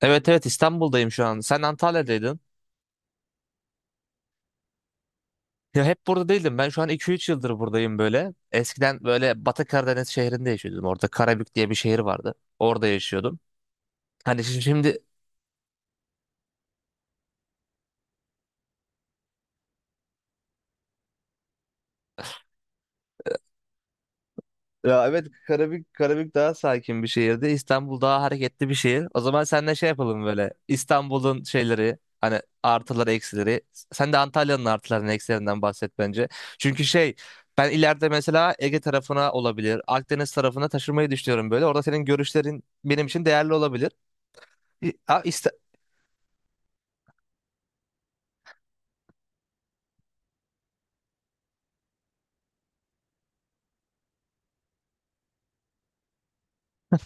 Evet evet İstanbul'dayım şu an. Sen Antalya'daydın. Ya hep burada değildim. Ben şu an iki üç yıldır buradayım böyle. Eskiden böyle Batı Karadeniz şehrinde yaşıyordum. Orada Karabük diye bir şehir vardı. Orada yaşıyordum. Hani şimdi ya evet Karabük daha sakin bir şehirdi. İstanbul daha hareketli bir şehir. O zaman seninle şey yapalım böyle. İstanbul'un şeyleri hani artıları eksileri. Sen de Antalya'nın artılarının eksilerinden bahset bence. Çünkü şey, ben ileride mesela Ege tarafına olabilir. Akdeniz tarafına taşınmayı düşünüyorum böyle. Orada senin görüşlerin benim için değerli olabilir. İ- A- İst-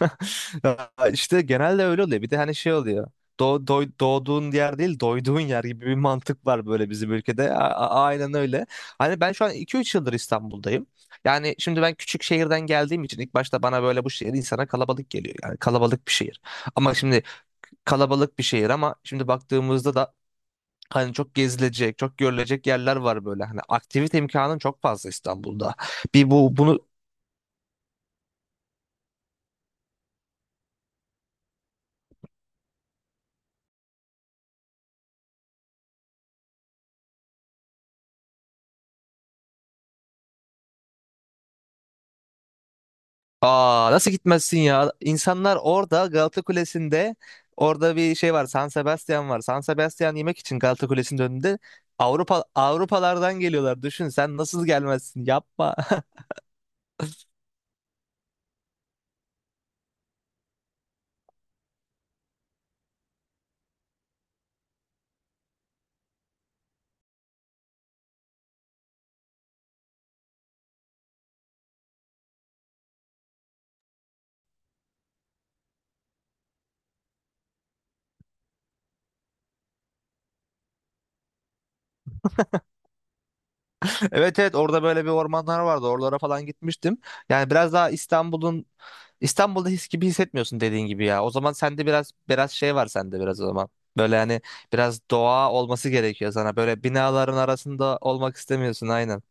Ya İşte genelde öyle oluyor. Bir de hani şey oluyor. Doğduğun yer değil, doyduğun yer gibi bir mantık var böyle bizim ülkede. Aynen öyle. Hani ben şu an iki üç yıldır İstanbul'dayım. Yani şimdi ben küçük şehirden geldiğim için ilk başta bana böyle bu şehir insana kalabalık geliyor. Yani kalabalık bir şehir. Ama şimdi kalabalık bir şehir ama şimdi baktığımızda da hani çok gezilecek, çok görülecek yerler var böyle. Hani aktivite imkanın çok fazla İstanbul'da. Bir bu bunu aa, nasıl gitmezsin ya? İnsanlar orada Galata Kulesi'nde, orada bir şey var. San Sebastian var. San Sebastian yemek için Galata Kulesi'nin önünde Avrupa Avrupalardan geliyorlar. Düşün sen, nasıl gelmezsin? Yapma. Evet evet, orada böyle bir ormanlar vardı. Oralara falan gitmiştim. Yani biraz daha İstanbul'da his gibi hissetmiyorsun dediğin gibi ya. O zaman sende biraz şey var sende, biraz o zaman. Böyle hani biraz doğa olması gerekiyor sana. Böyle binaların arasında olmak istemiyorsun aynen.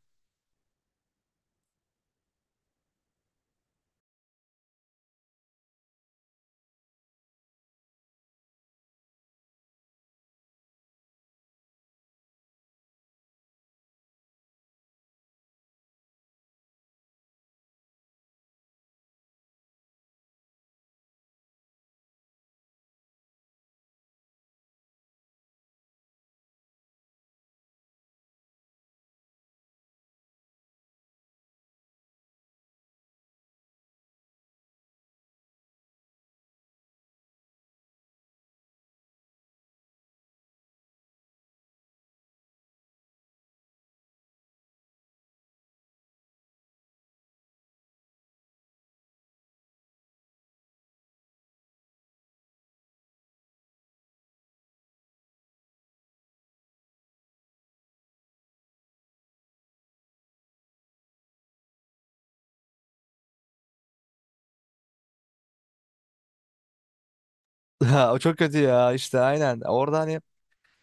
Ha, o çok kötü ya işte aynen. Orada hani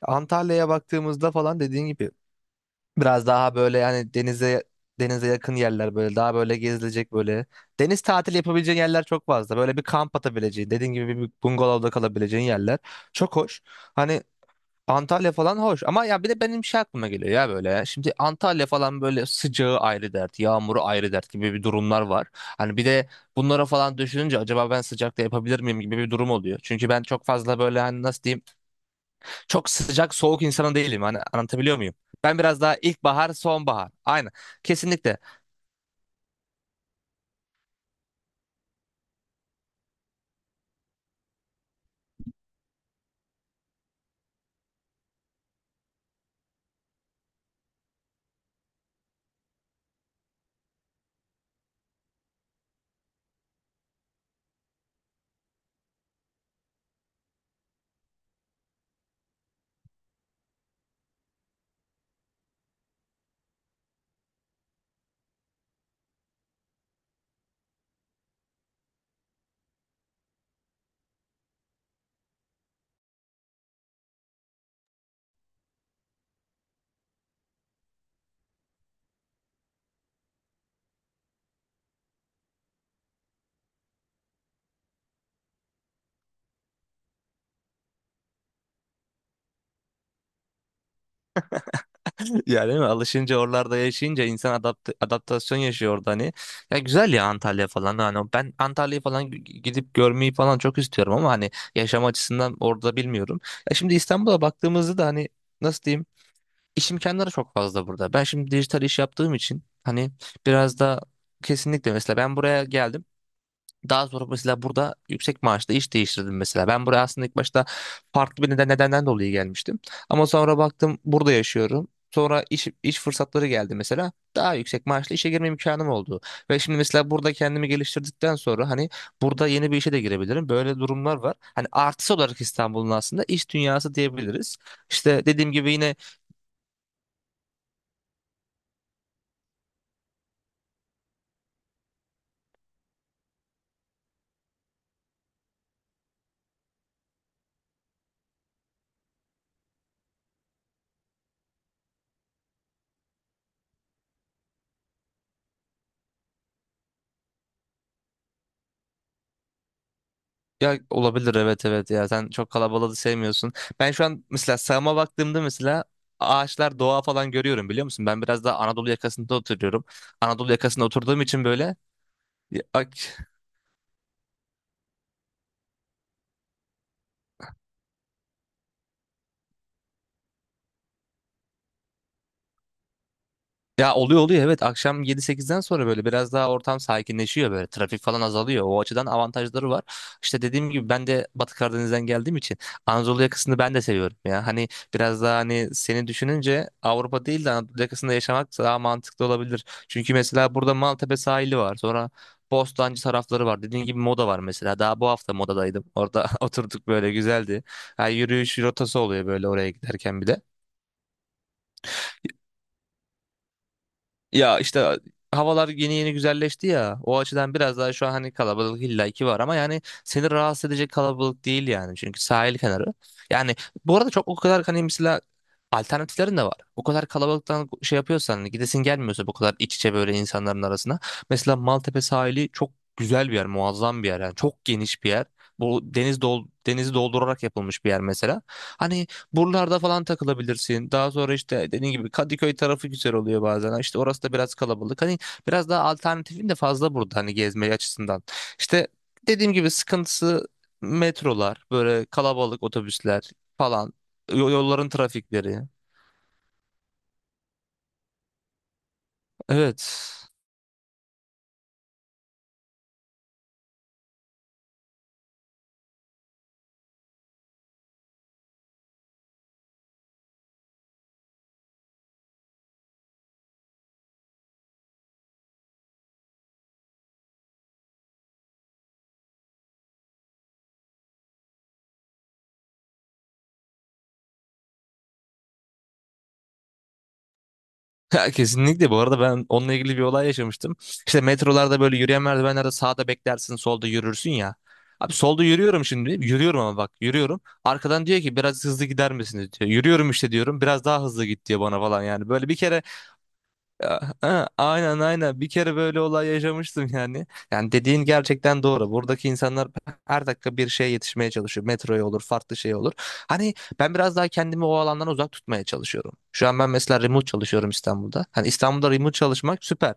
Antalya'ya baktığımızda falan dediğin gibi biraz daha böyle, yani denize yakın yerler böyle daha böyle gezilecek böyle. Deniz tatili yapabileceğin yerler çok fazla. Böyle bir kamp atabileceğin, dediğin gibi bir bungalovda kalabileceğin yerler. Çok hoş. Hani Antalya falan hoş ama ya, bir de benim şey aklıma geliyor ya böyle ya. Şimdi Antalya falan böyle, sıcağı ayrı dert, yağmuru ayrı dert gibi bir durumlar var. Hani bir de bunlara falan düşününce acaba ben sıcakta yapabilir miyim gibi bir durum oluyor. Çünkü ben çok fazla böyle hani, nasıl diyeyim, çok sıcak soğuk insanı değilim. Hani anlatabiliyor muyum? Ben biraz daha ilkbahar, sonbahar. Aynen. Kesinlikle. Yani değil mi? Alışınca, oralarda yaşayınca insan adaptasyon yaşıyor orada hani. Ya güzel ya Antalya falan, hani ben Antalya'yı falan gidip görmeyi falan çok istiyorum ama hani yaşam açısından orada bilmiyorum. Ya şimdi İstanbul'a baktığımızda da hani, nasıl diyeyim, iş imkanları çok fazla burada. Ben şimdi dijital iş yaptığım için hani biraz da kesinlikle, mesela ben buraya geldim. Daha sonra mesela burada yüksek maaşla iş değiştirdim mesela. Ben buraya aslında ilk başta farklı bir nedenden dolayı gelmiştim. Ama sonra baktım burada yaşıyorum. Sonra iş fırsatları geldi mesela. Daha yüksek maaşla işe girme imkanım oldu. Ve şimdi mesela burada kendimi geliştirdikten sonra hani burada yeni bir işe de girebilirim. Böyle durumlar var. Hani artısı olarak İstanbul'un aslında iş dünyası diyebiliriz. İşte dediğim gibi yine, ya olabilir, evet evet, ya sen çok kalabalığı sevmiyorsun. Ben şu an mesela sağıma baktığımda mesela ağaçlar, doğa falan görüyorum biliyor musun? Ben biraz daha Anadolu yakasında oturuyorum. Anadolu yakasında oturduğum için böyle ya, oluyor oluyor, evet akşam 7-8'den sonra böyle biraz daha ortam sakinleşiyor, böyle trafik falan azalıyor, o açıdan avantajları var. İşte dediğim gibi ben de Batı Karadeniz'den geldiğim için Anadolu yakasını ben de seviyorum ya hani, biraz daha hani seni düşününce Avrupa değil de Anadolu yakasında yaşamak daha mantıklı olabilir. Çünkü mesela burada Maltepe sahili var, sonra Bostancı tarafları var, dediğim gibi Moda var mesela, daha bu hafta Moda'daydım, orada oturduk böyle, güzeldi. Ha, yürüyüş rotası oluyor böyle oraya giderken bir de. Ya işte havalar yeni yeni güzelleşti ya. O açıdan biraz daha şu an hani kalabalık illaki var ama yani seni rahatsız edecek kalabalık değil yani. Çünkü sahil kenarı. Yani bu arada çok o kadar hani mesela alternatiflerin de var. O kadar kalabalıktan şey yapıyorsan hani, gidesin gelmiyorsa bu kadar iç içe böyle insanların arasına. Mesela Maltepe sahili çok güzel bir yer, muazzam bir yer yani. Çok geniş bir yer. Bu denizi doldurarak yapılmış bir yer mesela. Hani buralarda falan takılabilirsin. Daha sonra işte dediğin gibi Kadıköy tarafı güzel oluyor bazen. İşte orası da biraz kalabalık. Hani biraz daha alternatifin de fazla burada hani gezme açısından. İşte dediğim gibi sıkıntısı metrolar, böyle kalabalık otobüsler falan, yolların trafikleri. Evet. Ha, kesinlikle, bu arada ben onunla ilgili bir olay yaşamıştım. İşte metrolarda böyle yürüyen merdivenlerde sağda beklersin, solda yürürsün ya. Abi solda yürüyorum şimdi. Yürüyorum ama bak, yürüyorum. Arkadan diyor ki biraz hızlı gider misiniz diyor. Yürüyorum işte diyorum. Biraz daha hızlı git diyor bana falan yani. Böyle bir kere ya, ha, aynen aynen, bir kere böyle olay yaşamıştım yani. Yani dediğin gerçekten doğru. Buradaki insanlar her dakika bir şeye yetişmeye çalışıyor. Metroya olur, farklı şey olur. Hani ben biraz daha kendimi o alandan uzak tutmaya çalışıyorum. Şu an ben mesela remote çalışıyorum İstanbul'da. Hani İstanbul'da remote çalışmak süper.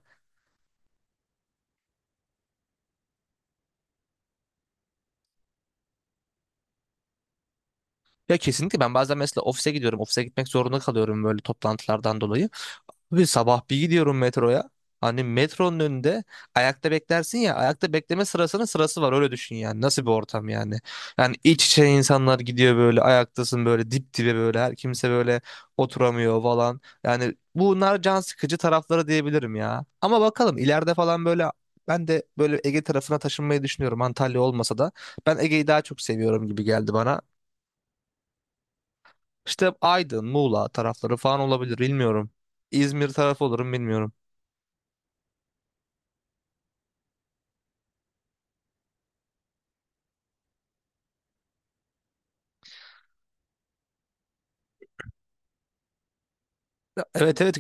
Ya kesinlikle, ben bazen mesela ofise gidiyorum. Ofise gitmek zorunda kalıyorum böyle toplantılardan dolayı. Bir sabah bir gidiyorum metroya. Hani metronun önünde ayakta beklersin ya, ayakta bekleme sırasının sırası var, öyle düşün yani, nasıl bir ortam yani. Yani iç içe insanlar gidiyor böyle, ayaktasın böyle dip dibe böyle, her kimse böyle oturamıyor falan. Yani bunlar can sıkıcı tarafları diyebilirim ya. Ama bakalım ileride falan böyle ben de böyle Ege tarafına taşınmayı düşünüyorum, Antalya olmasa da. Ben Ege'yi daha çok seviyorum gibi geldi bana. İşte Aydın, Muğla tarafları falan olabilir bilmiyorum. İzmir tarafı olurum bilmiyorum. Evet evet,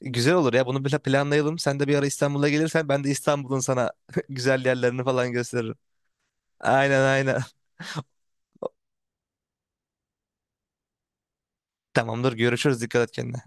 güzel olur ya, bunu bir planlayalım. Sen de bir ara İstanbul'a gelirsen ben de İstanbul'un sana güzel yerlerini falan gösteririm. Aynen aynen. Tamamdır, görüşürüz, dikkat et kendine.